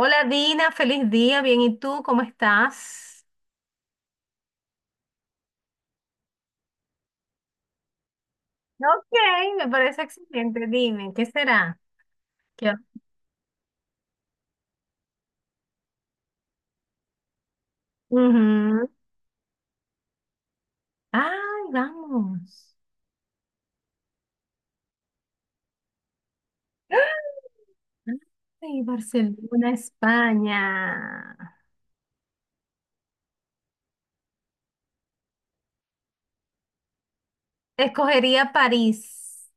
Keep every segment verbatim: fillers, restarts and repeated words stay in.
Hola Dina, feliz día, bien, ¿y tú cómo estás? Ok, me parece excelente, dime, ¿qué será? ¿Qué? Ujú. Ay, vamos. Ay, Barcelona, España. Escogería París.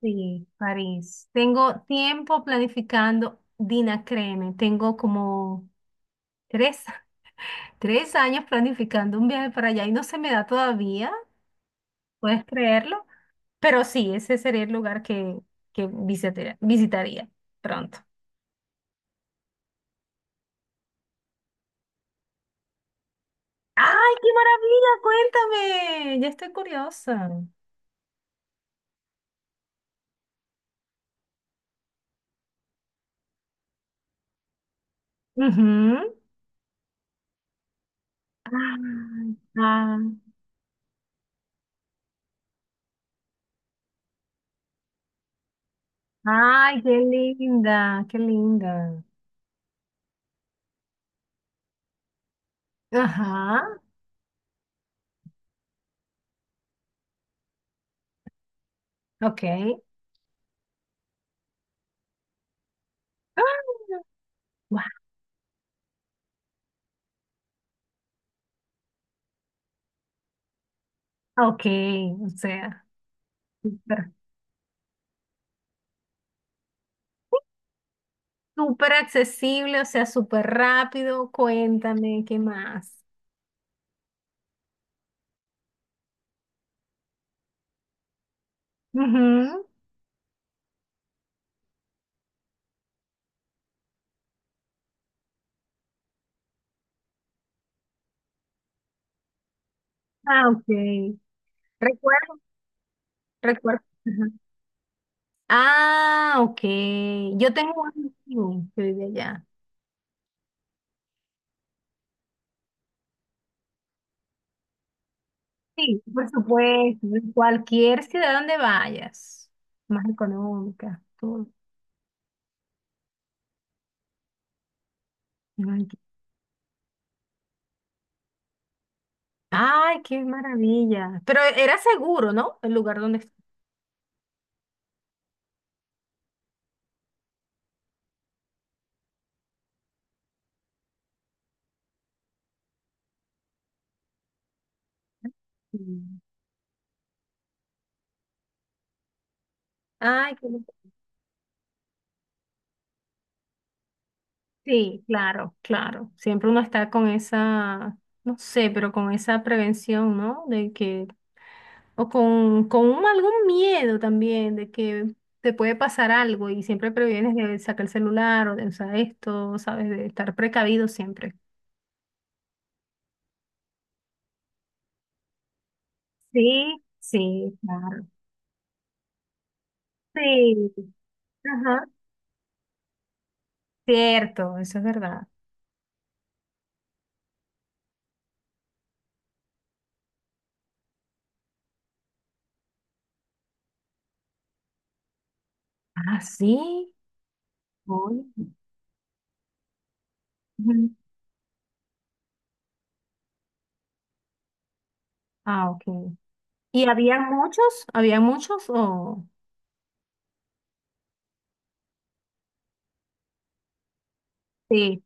Sí, París. Tengo tiempo planificando, Dina, créeme, tengo como tres, tres años planificando un viaje para allá y no se me da todavía. ¿Puedes creerlo? Pero sí, ese sería el lugar que, que visitaría, visitaría pronto. ¡Ay, qué maravilla! Cuéntame, ya estoy curiosa. Ujú. Ay, ah, ay, qué linda, qué linda. Ajá, ok. Ah, guau, ok, o sea, súper, súper accesible, o sea, súper rápido. Cuéntame, ¿qué más? Ujú. Ah, ok. Recuerda. Recuerdo. Ajá. Ah, ok. Yo tengo un amigo que vive allá. Sí, por supuesto. En cualquier ciudad donde vayas, más económica, todo. Ay, qué, ay, qué maravilla. Pero era seguro, ¿no? El lugar donde estu- Sí. Ay, qué... lindo. Sí, claro, claro. Siempre uno está con esa, no sé, pero con esa prevención, ¿no? De que o con, con un- algún miedo también de que te puede pasar algo y siempre previenes de sacar el celular o de usar esto, ¿sabes? De estar precavido siempre. Sí, sí, claro. Sí, ajá. Cierto, eso es verdad. Ah, sí. Uy. Ujú. Ah, ok. ¿Y había muchos? ¿Había muchos o...? Sí.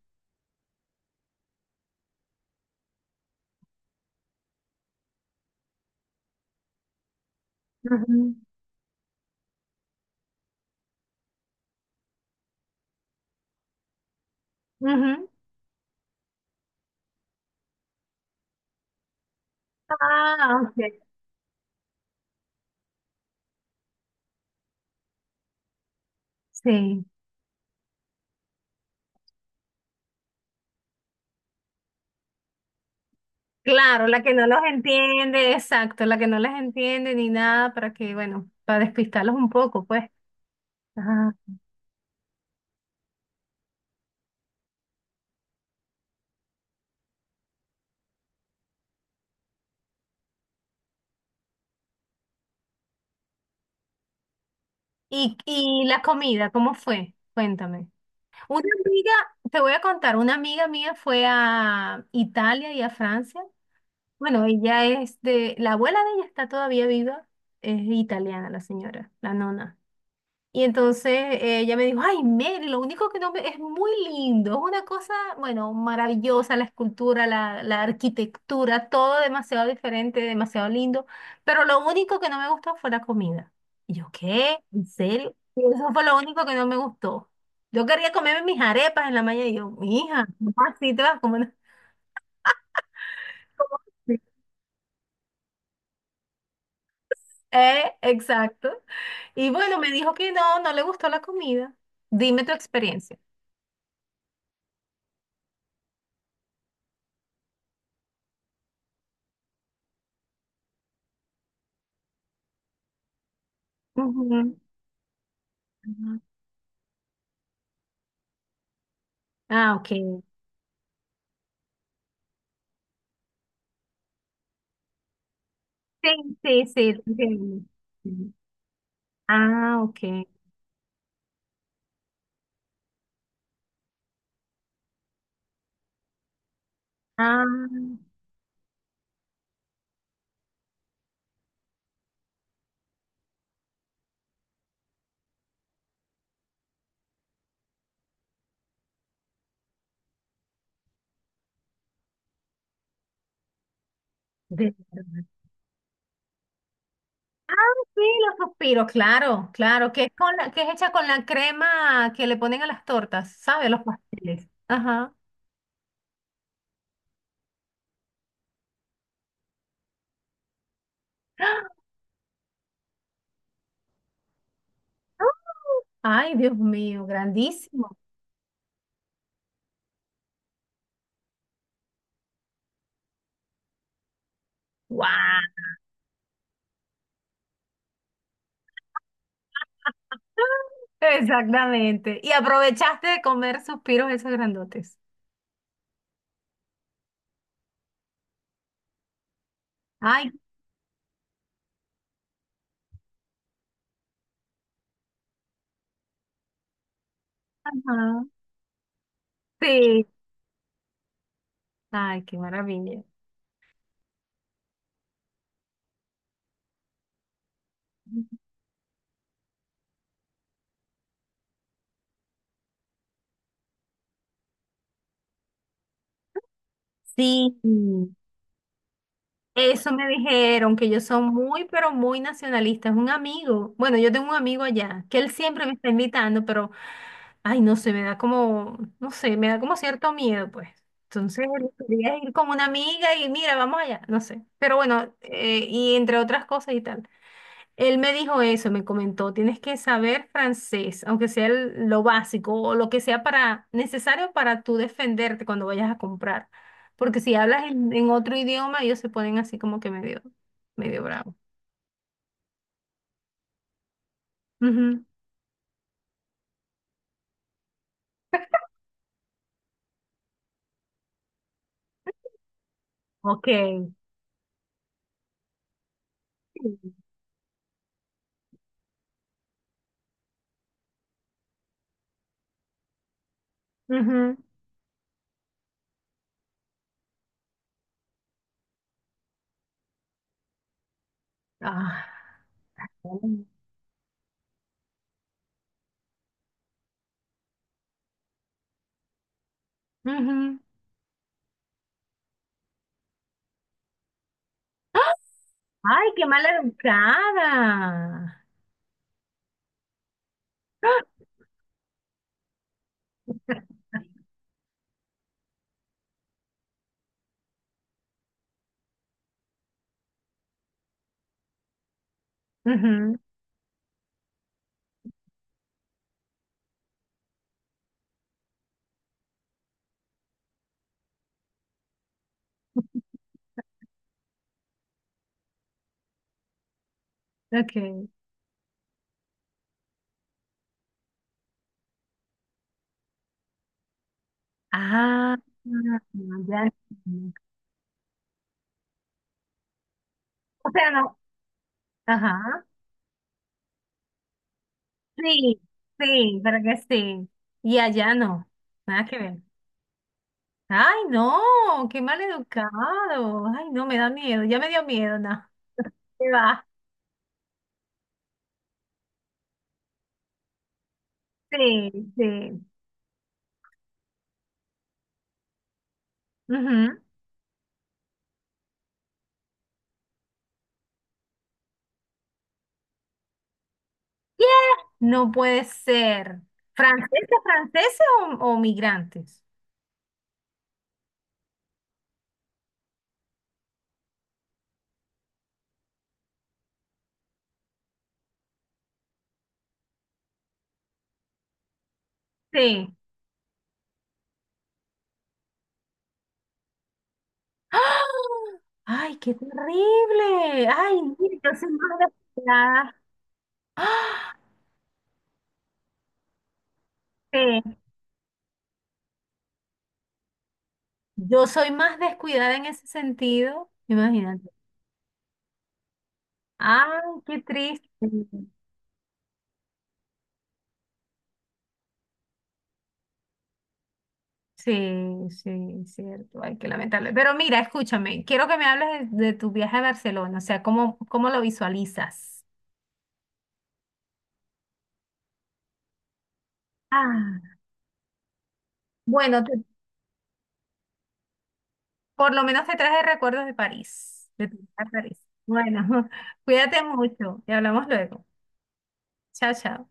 Ujú, ujú. Ah, ok. Sí. Claro, la que no los entiende, exacto, la que no les entiende ni nada para que, bueno, para despistarlos un poco, pues. Ajá. Y, y la comida, ¿cómo fue? Cuéntame. Una amiga, te voy a contar, una amiga mía fue a Italia y a Francia. Bueno, ella es de, la abuela de ella está todavía viva, es italiana la señora, la nona. Y entonces eh, ella me dijo, ay, Mary, lo único que no me... Es muy lindo, es una cosa, bueno, maravillosa, la escultura, la, la arquitectura, todo demasiado diferente, demasiado lindo, pero lo único que no me gustó fue la comida. Y yo, ¿qué? ¿En serio? Y eso fue lo único que no me gustó. Yo quería comerme mis arepas en la mañana y yo, mija, ¿cómo así te vas a comer? una-?" Eh, exacto. Y bueno, me dijo que no, no le gustó la comida. Dime tu experiencia. Ujú. Ujú. Ah, ok. Sí, sí, sí, te entiendo. Sí. Ah, ok. Ah, de verdad. Sí, los suspiros, claro, claro, que es con la, que es hecha con la crema que le ponen a las tortas, ¿sabes? Los pasteles. Ajá. ¡Ah! Ay, Dios mío, grandísimo. ¡Wow! Exactamente. Y aprovechaste de comer suspiros esos grandotes. Ay, ajá. Sí. Ay, qué maravilla. Sí. Eso me dijeron, que yo soy muy, pero muy nacionalista. Es un amigo. Bueno, yo tengo un amigo allá, que él siempre me está invitando, pero, ay, no sé, me da como, no sé, me da como cierto miedo, pues. Entonces, quería ir con una amiga y mira, vamos allá, no sé. Pero bueno, eh, y entre otras cosas y tal. Él me dijo eso, me comentó, tienes que saber francés, aunque sea el- lo básico o lo que sea para necesario para tú defenderte cuando vayas a comprar. Porque si hablas en, en otro idioma, ellos se ponen así como que medio, medio bravo. Ujú, ok, ujú, ah, ujú. Ay, qué mal educada. Ujú, ok. Ah, ya. O sea, no. Ajá. Sí, sí, pero que sí. Y allá no, nada que ver. Ay, no, qué mal educado. Ay, no, me da miedo, ya me dio miedo, no. ¿Qué va? Sí, sí. Ujú. ¿Qué? No puede ser. ¿Franceses, franceses o, o migrantes? Sí. ¡Ah! Ay, qué terrible. Ay, mira, yo soy más descuidada. ¡Ah! Sí. Yo soy más descuidada en ese sentido. Imagínate. Ay, qué triste. Sí, sí, cierto. Ay, qué lamentable. Pero mira, escúchame, quiero que me hables de, de tu viaje a Barcelona, o sea, ¿cómo, cómo lo visualizas? Ah, bueno, te- por lo menos te traje recuerdos de París, de tu viaje a París. Bueno, cuídate mucho y hablamos luego. Chao, chao.